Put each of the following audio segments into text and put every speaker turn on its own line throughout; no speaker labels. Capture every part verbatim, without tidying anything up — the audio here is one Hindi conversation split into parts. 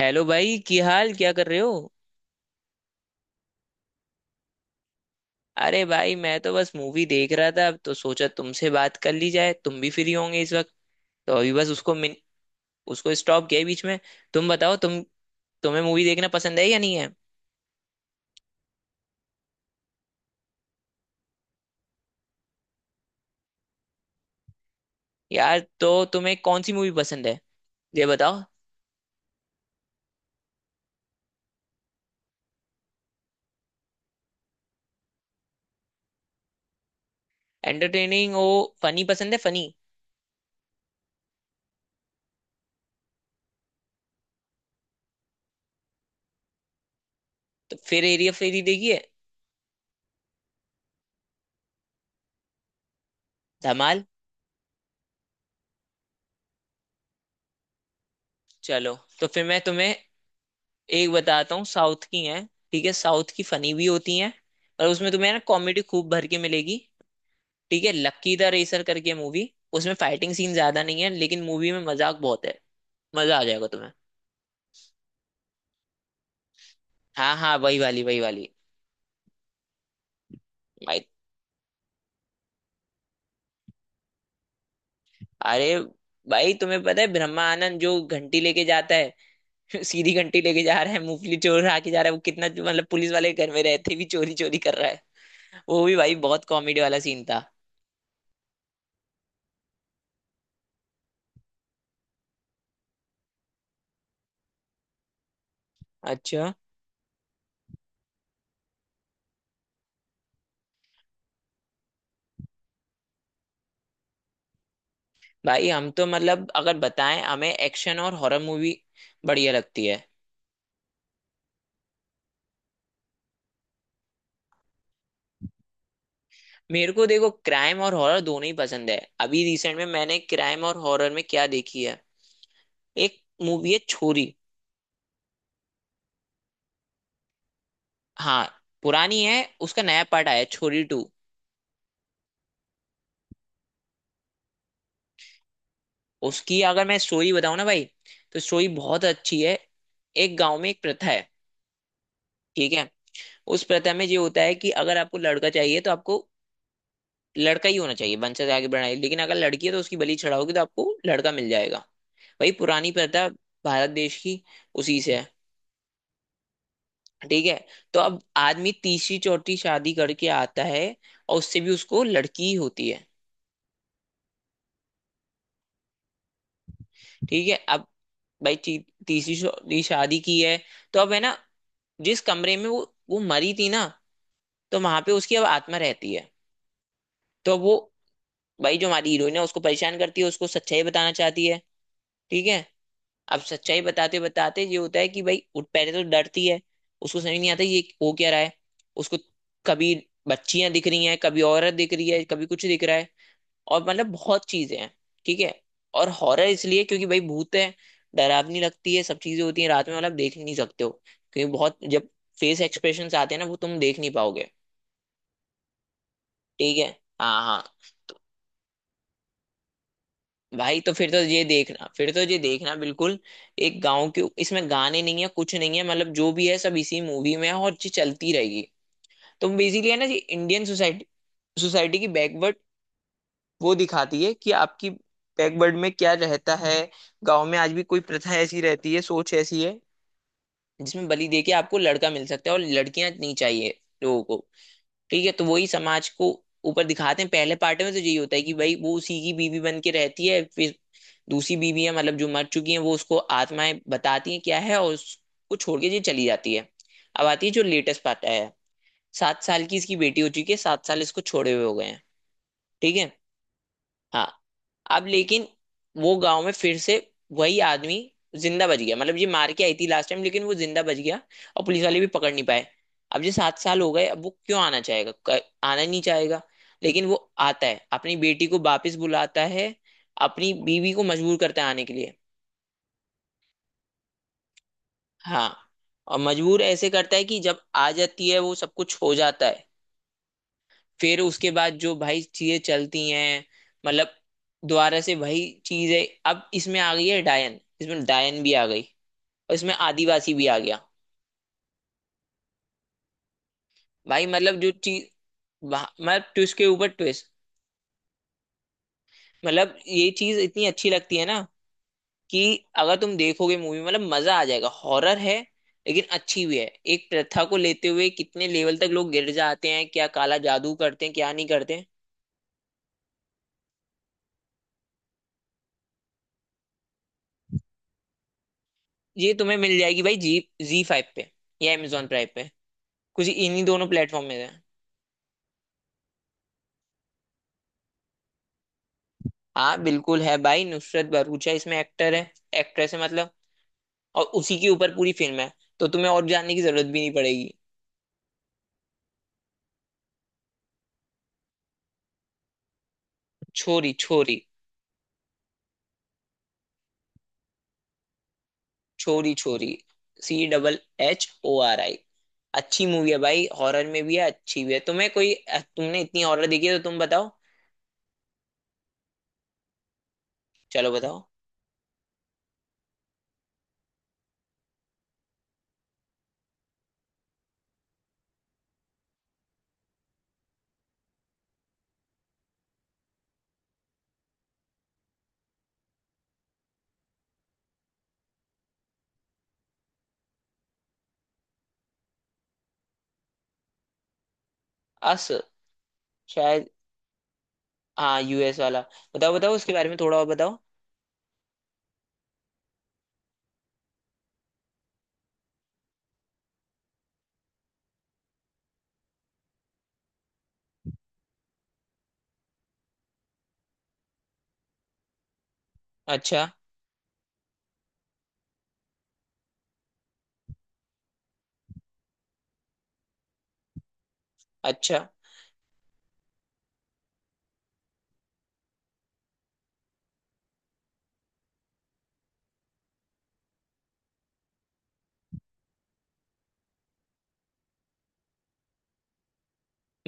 हेलो भाई, की हाल क्या कर रहे हो? अरे भाई, मैं तो बस मूवी देख रहा था तो सोचा तुमसे बात कर ली जाए। तुम भी फ्री होंगे इस वक्त। तो अभी बस उसको मिन, उसको स्टॉप किया बीच में। तुम बताओ, तुम। तुम्हें मूवी देखना पसंद है या नहीं है? यार, तो तुम्हें कौन सी मूवी पसंद है? ये बताओ। एंटरटेनिंग हो। फनी पसंद है, फनी। तो फिर एरिया फेरी देखिए। धमाल। चलो, तो फिर मैं तुम्हें एक बताता हूँ। साउथ की है। ठीक है, साउथ की फनी भी होती है, और उसमें तुम्हें ना कॉमेडी खूब भर के मिलेगी। ठीक है, लक्की द रेसर करके मूवी। उसमें फाइटिंग सीन ज्यादा नहीं है, लेकिन मूवी में मजाक बहुत है। मजा आ जाएगा तुम्हें। हाँ हाँ, वही वाली वही वाली। भाई। अरे भाई, तुम्हें पता है ब्रह्मा आनंद जो घंटी लेके जाता है? सीधी घंटी लेके जा रहा है, मूंगफली चोर आके जा रहा है। वो कितना मतलब, पुलिस वाले घर में रहते भी चोरी चोरी कर रहा है। वो भी भाई बहुत कॉमेडी वाला सीन था। अच्छा। भाई, हम तो मतलब अगर बताएं, हमें एक्शन और हॉरर मूवी बढ़िया लगती है। मेरे को देखो, क्राइम और हॉरर दोनों ही पसंद है। अभी रिसेंट में मैंने क्राइम और हॉरर में क्या देखी है। एक मूवी है, छोरी। हाँ, पुरानी है। उसका नया पार्ट आया है, छोरी टू। उसकी अगर मैं स्टोरी बताऊं ना भाई, तो स्टोरी बहुत अच्छी है। एक गांव में एक प्रथा है। ठीक है। उस प्रथा में ये होता है कि अगर आपको लड़का चाहिए तो आपको लड़का ही होना चाहिए, वंश से आगे बढ़ना है। लेकिन अगर लड़की है तो उसकी बलि चढ़ाओगी तो आपको लड़का मिल जाएगा। वही पुरानी प्रथा भारत देश की, उसी से है। ठीक है। तो अब आदमी तीसरी चौथी शादी करके आता है, और उससे भी उसको लड़की ही होती है। ठीक है। अब भाई ती- तीसरी शो- शादी की है। तो अब है ना, जिस कमरे में वो वो मरी थी ना, तो वहां पे उसकी अब आत्मा रहती है। तो वो भाई जो हमारी हीरोइन है, उसको परेशान करती है, उसको सच्चाई बताना चाहती है। ठीक है। अब सच्चाई बताते बताते ये होता है कि भाई वो पहले तो डरती है, उसको समझ नहीं आता ये हो क्या रहा है। उसको कभी बच्चियां दिख रही हैं, कभी औरत दिख रही है, कभी कुछ दिख रहा है, और मतलब बहुत चीजें हैं। ठीक है। और हॉरर इसलिए क्योंकि भाई भूत है, डरावनी लगती है, सब चीजें होती हैं रात में, मतलब देख नहीं सकते हो। क्योंकि बहुत जब फेस एक्सप्रेशन आते हैं ना, वो तुम देख नहीं पाओगे। ठीक है। हाँ हाँ। तो भाई तो फिर तो ये देखना, फिर तो ये देखना बिल्कुल। एक गांव के इसमें गाने नहीं है, कुछ नहीं है, मतलब जो भी है सब इसी मूवी में है और ये चलती रहेगी। तो बेसिकली है ना, ये इंडियन सोसाइटी। सोसाइटी की बैकवर्ड वो दिखाती है कि आपकी बैकवर्ड में क्या रहता है। गांव में आज भी कोई प्रथा ऐसी रहती है, सोच ऐसी है, जिसमें बलि दे के आपको लड़का मिल सकता है और लड़कियां नहीं चाहिए लोगों को। ठीक है। तो वही समाज को ऊपर दिखाते हैं। पहले पार्ट में तो यही होता है कि भाई वो उसी की बीवी बन के रहती है, फिर दूसरी बीवियां मतलब जो मर चुकी हैं, वो उसको आत्माएं बताती हैं क्या है, और उसको छोड़ के ये चली जाती है। अब आती है जो लेटेस्ट पार्ट आया है। सात साल की इसकी बेटी हो चुकी है, सात साल इसको छोड़े हुए हो गए हैं। ठीक है। हाँ। अब लेकिन वो गांव में फिर से वही आदमी जिंदा बच गया, मतलब ये मार के आई थी लास्ट टाइम लेकिन वो जिंदा बच गया, और पुलिस वाले भी पकड़ नहीं पाए। अब ये सात साल हो गए, अब वो क्यों आना चाहेगा, क- आना नहीं चाहेगा। लेकिन वो आता है, अपनी बेटी को वापस बुलाता है, अपनी बीवी को मजबूर करता है आने के लिए। हाँ। और मजबूर ऐसे करता है कि जब आ जाती है वो सब कुछ हो जाता है। फिर उसके बाद जो भाई चीजें चलती हैं, मतलब दोबारा से वही चीज है। अब इसमें आ गई है डायन, इसमें डायन भी आ गई, और इसमें आदिवासी भी आ गया। भाई मतलब जो चीज, वहाँ- मतलब ट्विस्ट के ऊपर ट्विस्ट, मतलब ये चीज इतनी अच्छी लगती है ना, कि अगर तुम देखोगे मूवी, मतलब मजा आ जाएगा। हॉरर है, लेकिन अच्छी भी है। एक प्रथा को लेते हुए कितने लेवल तक लोग गिर जाते हैं, क्या काला जादू करते हैं क्या नहीं करते हैं। ये तुम्हें मिल जाएगी भाई जी। जी फाइव पे या Amazon प्राइम पे, कुछ इन्हीं दोनों प्लेटफॉर्म में है। हाँ बिल्कुल है भाई, नुसरत भरूचा इसमें एक्टर है, एक्ट्रेस है मतलब, और उसी के ऊपर पूरी फिल्म है। तो तुम्हें और जानने की जरूरत भी नहीं पड़ेगी। छोरी Chhori. Chhori Chhori. C double H O R I. अच्छी मूवी है भाई, हॉरर में भी है, अच्छी भी है। तुम्हें कोई, तुमने इतनी हॉरर देखी है तो तुम बताओ। चलो बताओ। अस, शायद। हाँ, यू एस वाला। बताओ बताओ, उसके बारे में थोड़ा और बताओ। अच्छा अच्छा।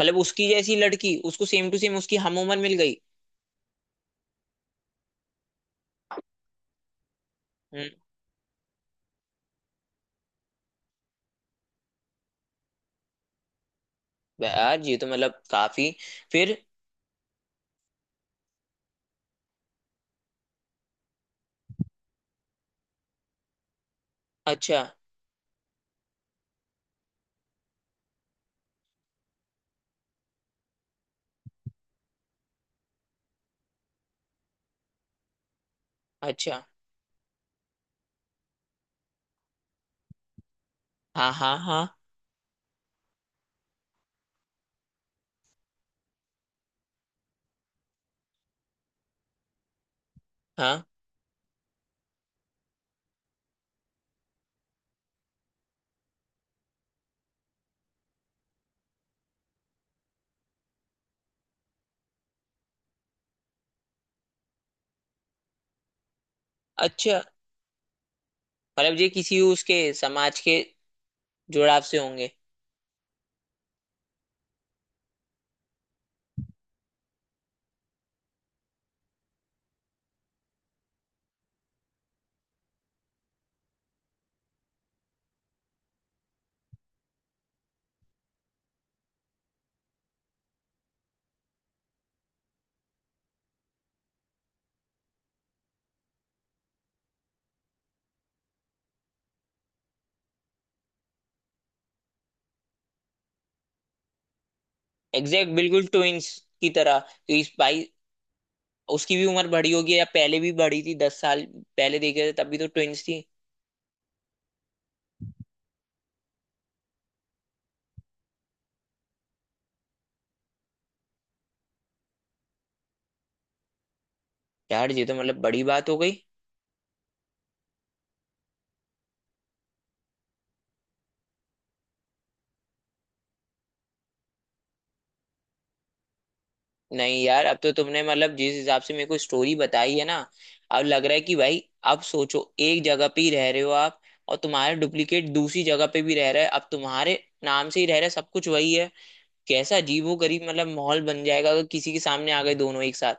मतलब उसकी जैसी लड़की उसको सेम टू सेम उसकी हम उम्र मिल गई। यार ये तो मतलब काफी। फिर। अच्छा अच्छा। हाँ हाँ हाँ हाँ। अच्छा, मतलब ये किसी उसके समाज के जुड़ाव से होंगे। एग्जैक्ट बिल्कुल ट्विंस की तरह, तो इस भाई, उसकी भी उम्र बड़ी होगी या पहले भी बड़ी थी? दस साल पहले देखे थे, तब भी तो ट्विंस थी। यार ये तो मतलब बड़ी बात हो गई। नहीं यार, अब तो तुमने मतलब जिस हिसाब से मेरे को स्टोरी बताई है ना, अब लग रहा है कि भाई, अब सोचो, एक जगह पे ही रह रहे हो आप, और तुम्हारा डुप्लीकेट दूसरी जगह पे भी रह रहा है, अब तुम्हारे नाम से ही रह रहा है, सब कुछ वही है। कैसा अजीबो गरीब मतलब माहौल बन जाएगा, अगर किसी के सामने आ गए दोनों एक साथ।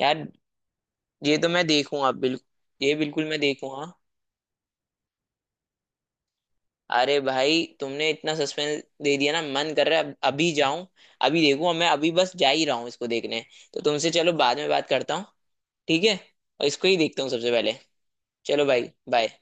यार, ये तो मैं देखूंगा, बिल्कुल ये बिल्कुल मैं देखूंगा। अरे भाई, तुमने इतना सस्पेंस दे दिया ना, मन कर रहा है अब अभी जाऊं, अभी देखूं, और मैं अभी बस जा ही रहा हूँ इसको देखने। तो तुमसे चलो बाद में बात करता हूँ, ठीक है। और इसको ही देखता हूँ सबसे पहले। चलो भाई, बाय।